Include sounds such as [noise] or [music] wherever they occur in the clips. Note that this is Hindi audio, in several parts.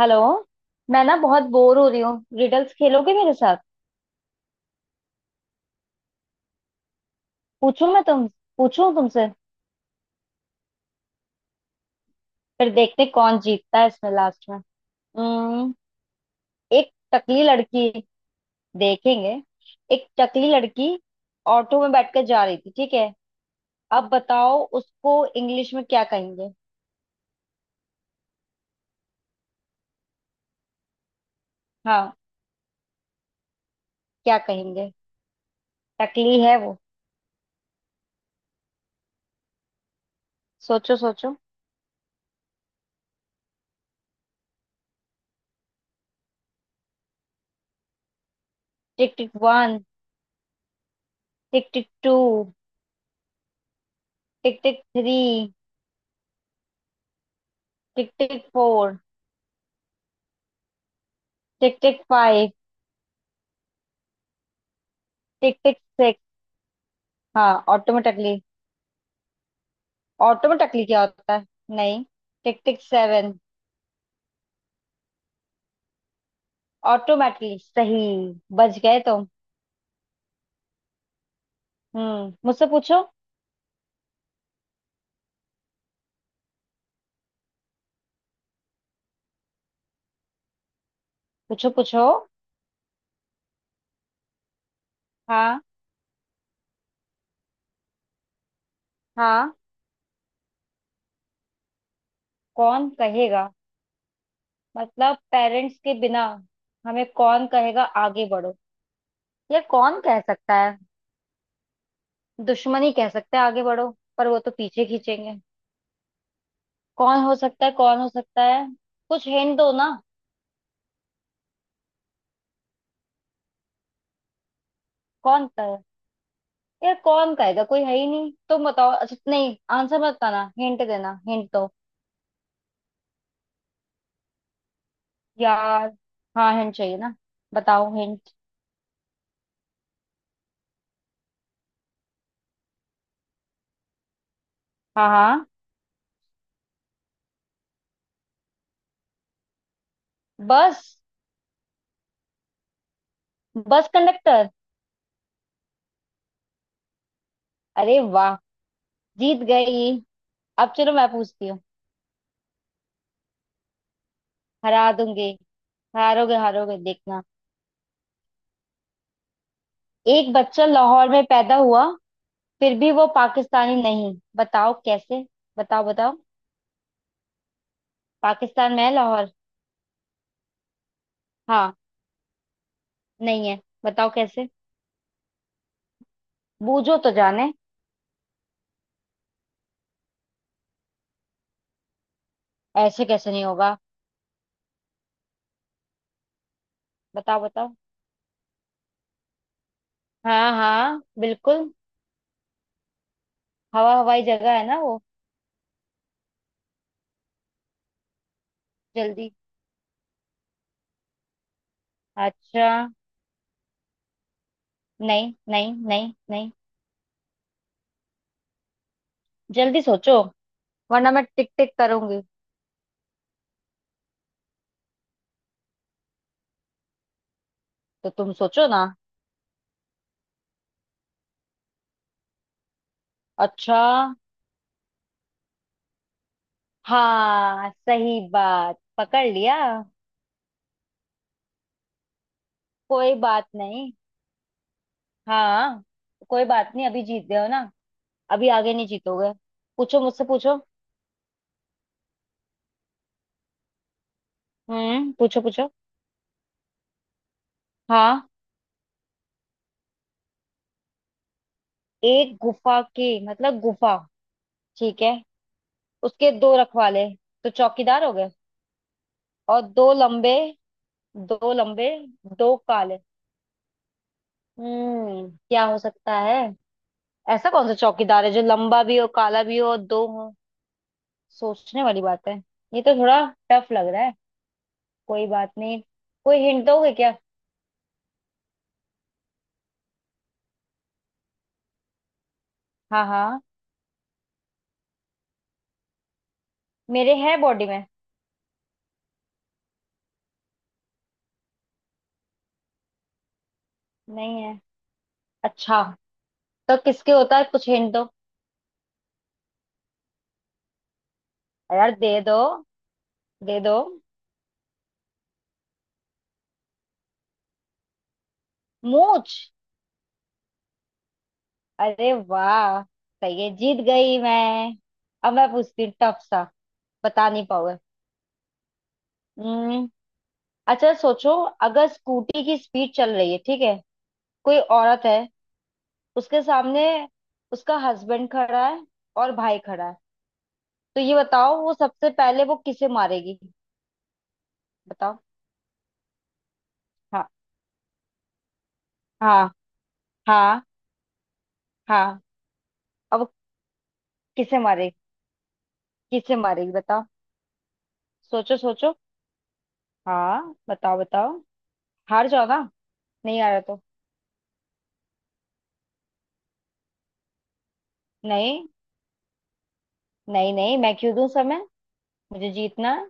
हेलो। मैं बहुत बोर हो रही हूँ। रिडल्स खेलोगे मेरे साथ? पूछूं मैं तुम पूछूं तुमसे? फिर देखते कौन जीतता है इसमें लास्ट में। हम्म। एक टकली लड़की, देखेंगे। एक टकली लड़की ऑटो में बैठकर जा रही थी, ठीक है? अब बताओ उसको इंग्लिश में क्या कहेंगे? हाँ, क्या कहेंगे? टकली है वो। सोचो सोचो। Tick tick one. Tick tick two. Tick tick three. Tick tick four. Tick tick five. Tick tick six. हाँ, ऑटोमेटिकली। ऑटोमेटिकली क्या होता है? नहीं। Tick tick seven. ऑटोमेटिकली सही। बच गए तुम। हम्म, मुझसे पूछो। पूछो पूछो। हाँ हाँ। कौन कहेगा? मतलब पेरेंट्स के बिना हमें कौन कहेगा आगे बढ़ो? ये कौन कह सकता है? दुश्मन ही कह सकता है आगे बढ़ो। पर वो तो पीछे खींचेंगे। कौन हो सकता है, कौन हो सकता है? कुछ हिंट दो ना। कौन? यार कौन कहेगा, कोई है ही नहीं। तुम बताओ। अच्छा नहीं, आंसर मत बताना, हिंट देना। हिंट दो यार। हाँ, हिंट चाहिए ना। बताओ हिंट। हाँ हाँ। बस। Bus conductor. अरे वाह, जीत गई। अब चलो मैं पूछती हूँ। हरा दूंगी। हारोगे हारोगे, देखना। एक बच्चा लाहौर में पैदा हुआ, फिर भी वो पाकिस्तानी नहीं। बताओ कैसे। बताओ बताओ। पाकिस्तान में है लाहौर। हाँ, नहीं है। बताओ कैसे। बूझो तो जाने। ऐसे कैसे नहीं होगा? बताओ बताओ। हाँ हाँ, बिल्कुल। हवा हवाई जगह है ना वो। जल्दी। अच्छा। नहीं नहीं नहीं नहीं। जल्दी सोचो, वरना मैं टिक टिक करूंगी। तो तुम सोचो ना। अच्छा। हाँ, सही बात, पकड़ लिया। कोई बात नहीं। हाँ, कोई बात नहीं, अभी जीत गए हो ना। अभी आगे नहीं जीतोगे। पूछो मुझसे, पूछो। हम्म, पूछो पूछो। हाँ। एक गुफा के मतलब गुफा? ठीक है, उसके दो रखवाले, तो चौकीदार हो गए। और दो लंबे, दो लंबे, दो काले। हम्म, क्या हो सकता है? ऐसा कौन सा चौकीदार है जो लंबा भी हो, काला भी हो, और दो हो? सोचने वाली बात है। ये तो थोड़ा टफ लग रहा है। कोई बात नहीं। कोई हिंट दोगे क्या? हाँ हाँ। मेरे है बॉडी में। नहीं है। अच्छा, तो किसके होता है? कुछ हिंट दो। अरे यार, दे दो, दे दो। मूछ। अरे वाह, सही है, जीत गई मैं। अब मैं पूछती हूँ, टफ सा, बता नहीं पाओगे। हम्म, अच्छा सोचो। अगर स्कूटी की स्पीड चल रही है, ठीक है? कोई औरत है, उसके सामने उसका हस्बैंड खड़ा है, और भाई खड़ा है। तो ये बताओ वो सबसे पहले वो किसे मारेगी? बताओ। हाँ हाँ। हाँ हाँ। अब वो किसे मारेगी? किसे मारेगी, बताओ। सोचो सोचो। हाँ, बताओ बताओ। हार जाओ ना। नहीं आ रहा तो। नहीं नहीं, नहीं मैं क्यों दूं समय? मुझे जीतना है।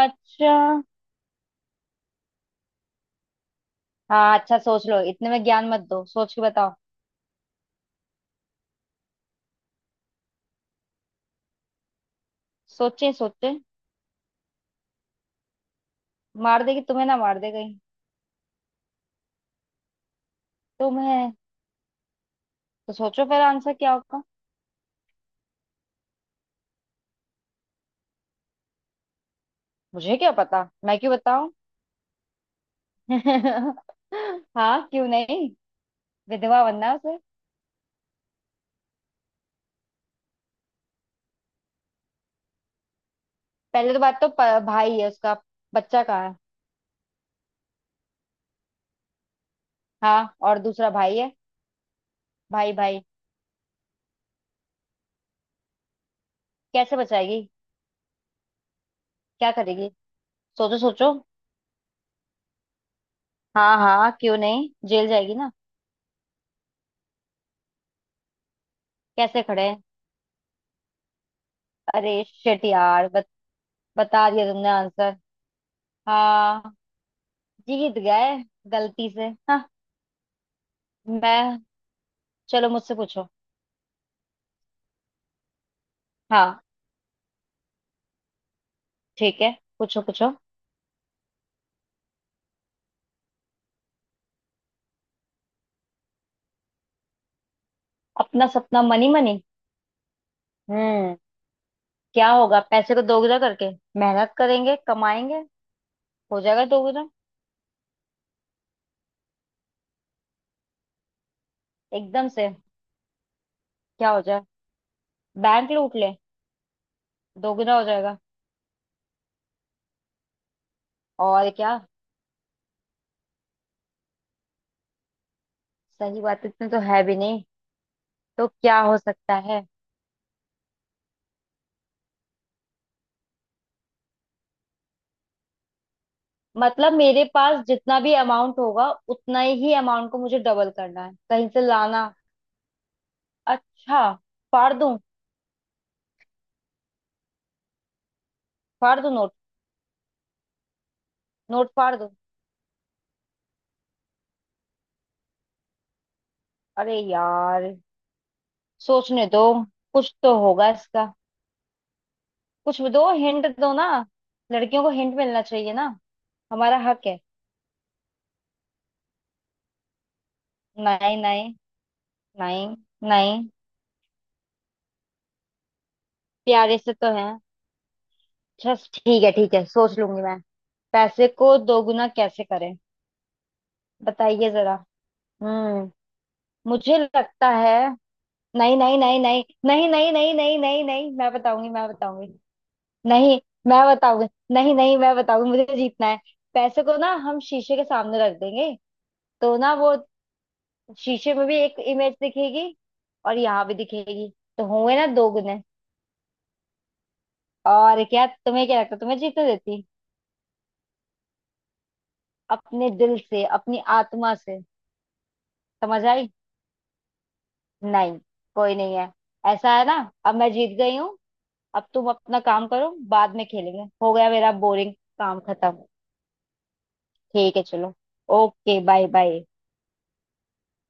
अच्छा, हाँ अच्छा, सोच लो, इतने में ज्ञान मत दो, सोच के बताओ। सोचें सोचें। मार देगी तुम्हें, ना मार दे कहीं तुम्हें। तो सोचो फिर आंसर क्या होगा। मुझे क्या पता, मैं क्यों बताऊं। [laughs] हाँ, क्यों नहीं? विधवा बनना है उसे। पहले तो बात तो भाई है उसका। बच्चा कहाँ है? हाँ, और दूसरा भाई है। भाई भाई। कैसे बचाएगी? क्या करेगी? सोचो सोचो। हाँ हाँ, क्यों नहीं, जेल जाएगी ना। कैसे खड़े हैं? अरे शिट यार, बता दिया तुमने आंसर। हाँ, जीत गए, गलती से। हाँ, मैं, चलो मुझसे पूछो। हाँ, ठीक है, पूछो पूछो। अपना सपना मनी मनी। हम्म, क्या होगा पैसे को दोगुना करके? मेहनत करेंगे, कमाएंगे, हो जाएगा दोगुना। एकदम से क्या हो जाए? बैंक लूट ले, दोगुना हो जाएगा। और क्या। सही बात, इतने तो है भी नहीं। तो क्या हो सकता है? मतलब मेरे पास जितना भी अमाउंट होगा, उतना ही अमाउंट को मुझे डबल करना है, कहीं से लाना। अच्छा। फाड़ दूं। फाड़ दूं नोट। नोट फाड़ दूं। अरे यार, सोचने दो। कुछ तो होगा इसका। कुछ दो, हिंट दो ना। लड़कियों को हिंट मिलना चाहिए ना, हमारा हक है। नहीं नहीं नहीं नहीं। प्यारे से तो है। अच्छा, ठीक है ठीक है, सोच लूंगी मैं। पैसे को दोगुना कैसे करें? बताइए जरा। हम्म, मुझे लगता है, नहीं नहीं नहीं नहीं। नहीं नहीं नहीं नहीं नहीं नहीं। मैं बताऊंगी, मैं बताऊंगी। नहीं, मैं बताऊंगी। नहीं नहीं, मैं बताऊंगी, मुझे जीतना है। पैसे को ना हम शीशे के सामने रख देंगे, तो ना वो शीशे में भी एक इमेज दिखेगी, और यहाँ भी दिखेगी, तो होंगे ना दो गुने। और क्या तुम्हें क्या लगता है, तुम्हें जीतने देती? अपने दिल से, अपनी आत्मा से। समझ आई? नहीं, कोई नहीं है, ऐसा है ना। अब मैं जीत गई हूँ। अब तुम अपना काम करो, बाद में खेलेंगे, हो गया मेरा बोरिंग। काम खत्म। ठीक है चलो। Okay, bye bye.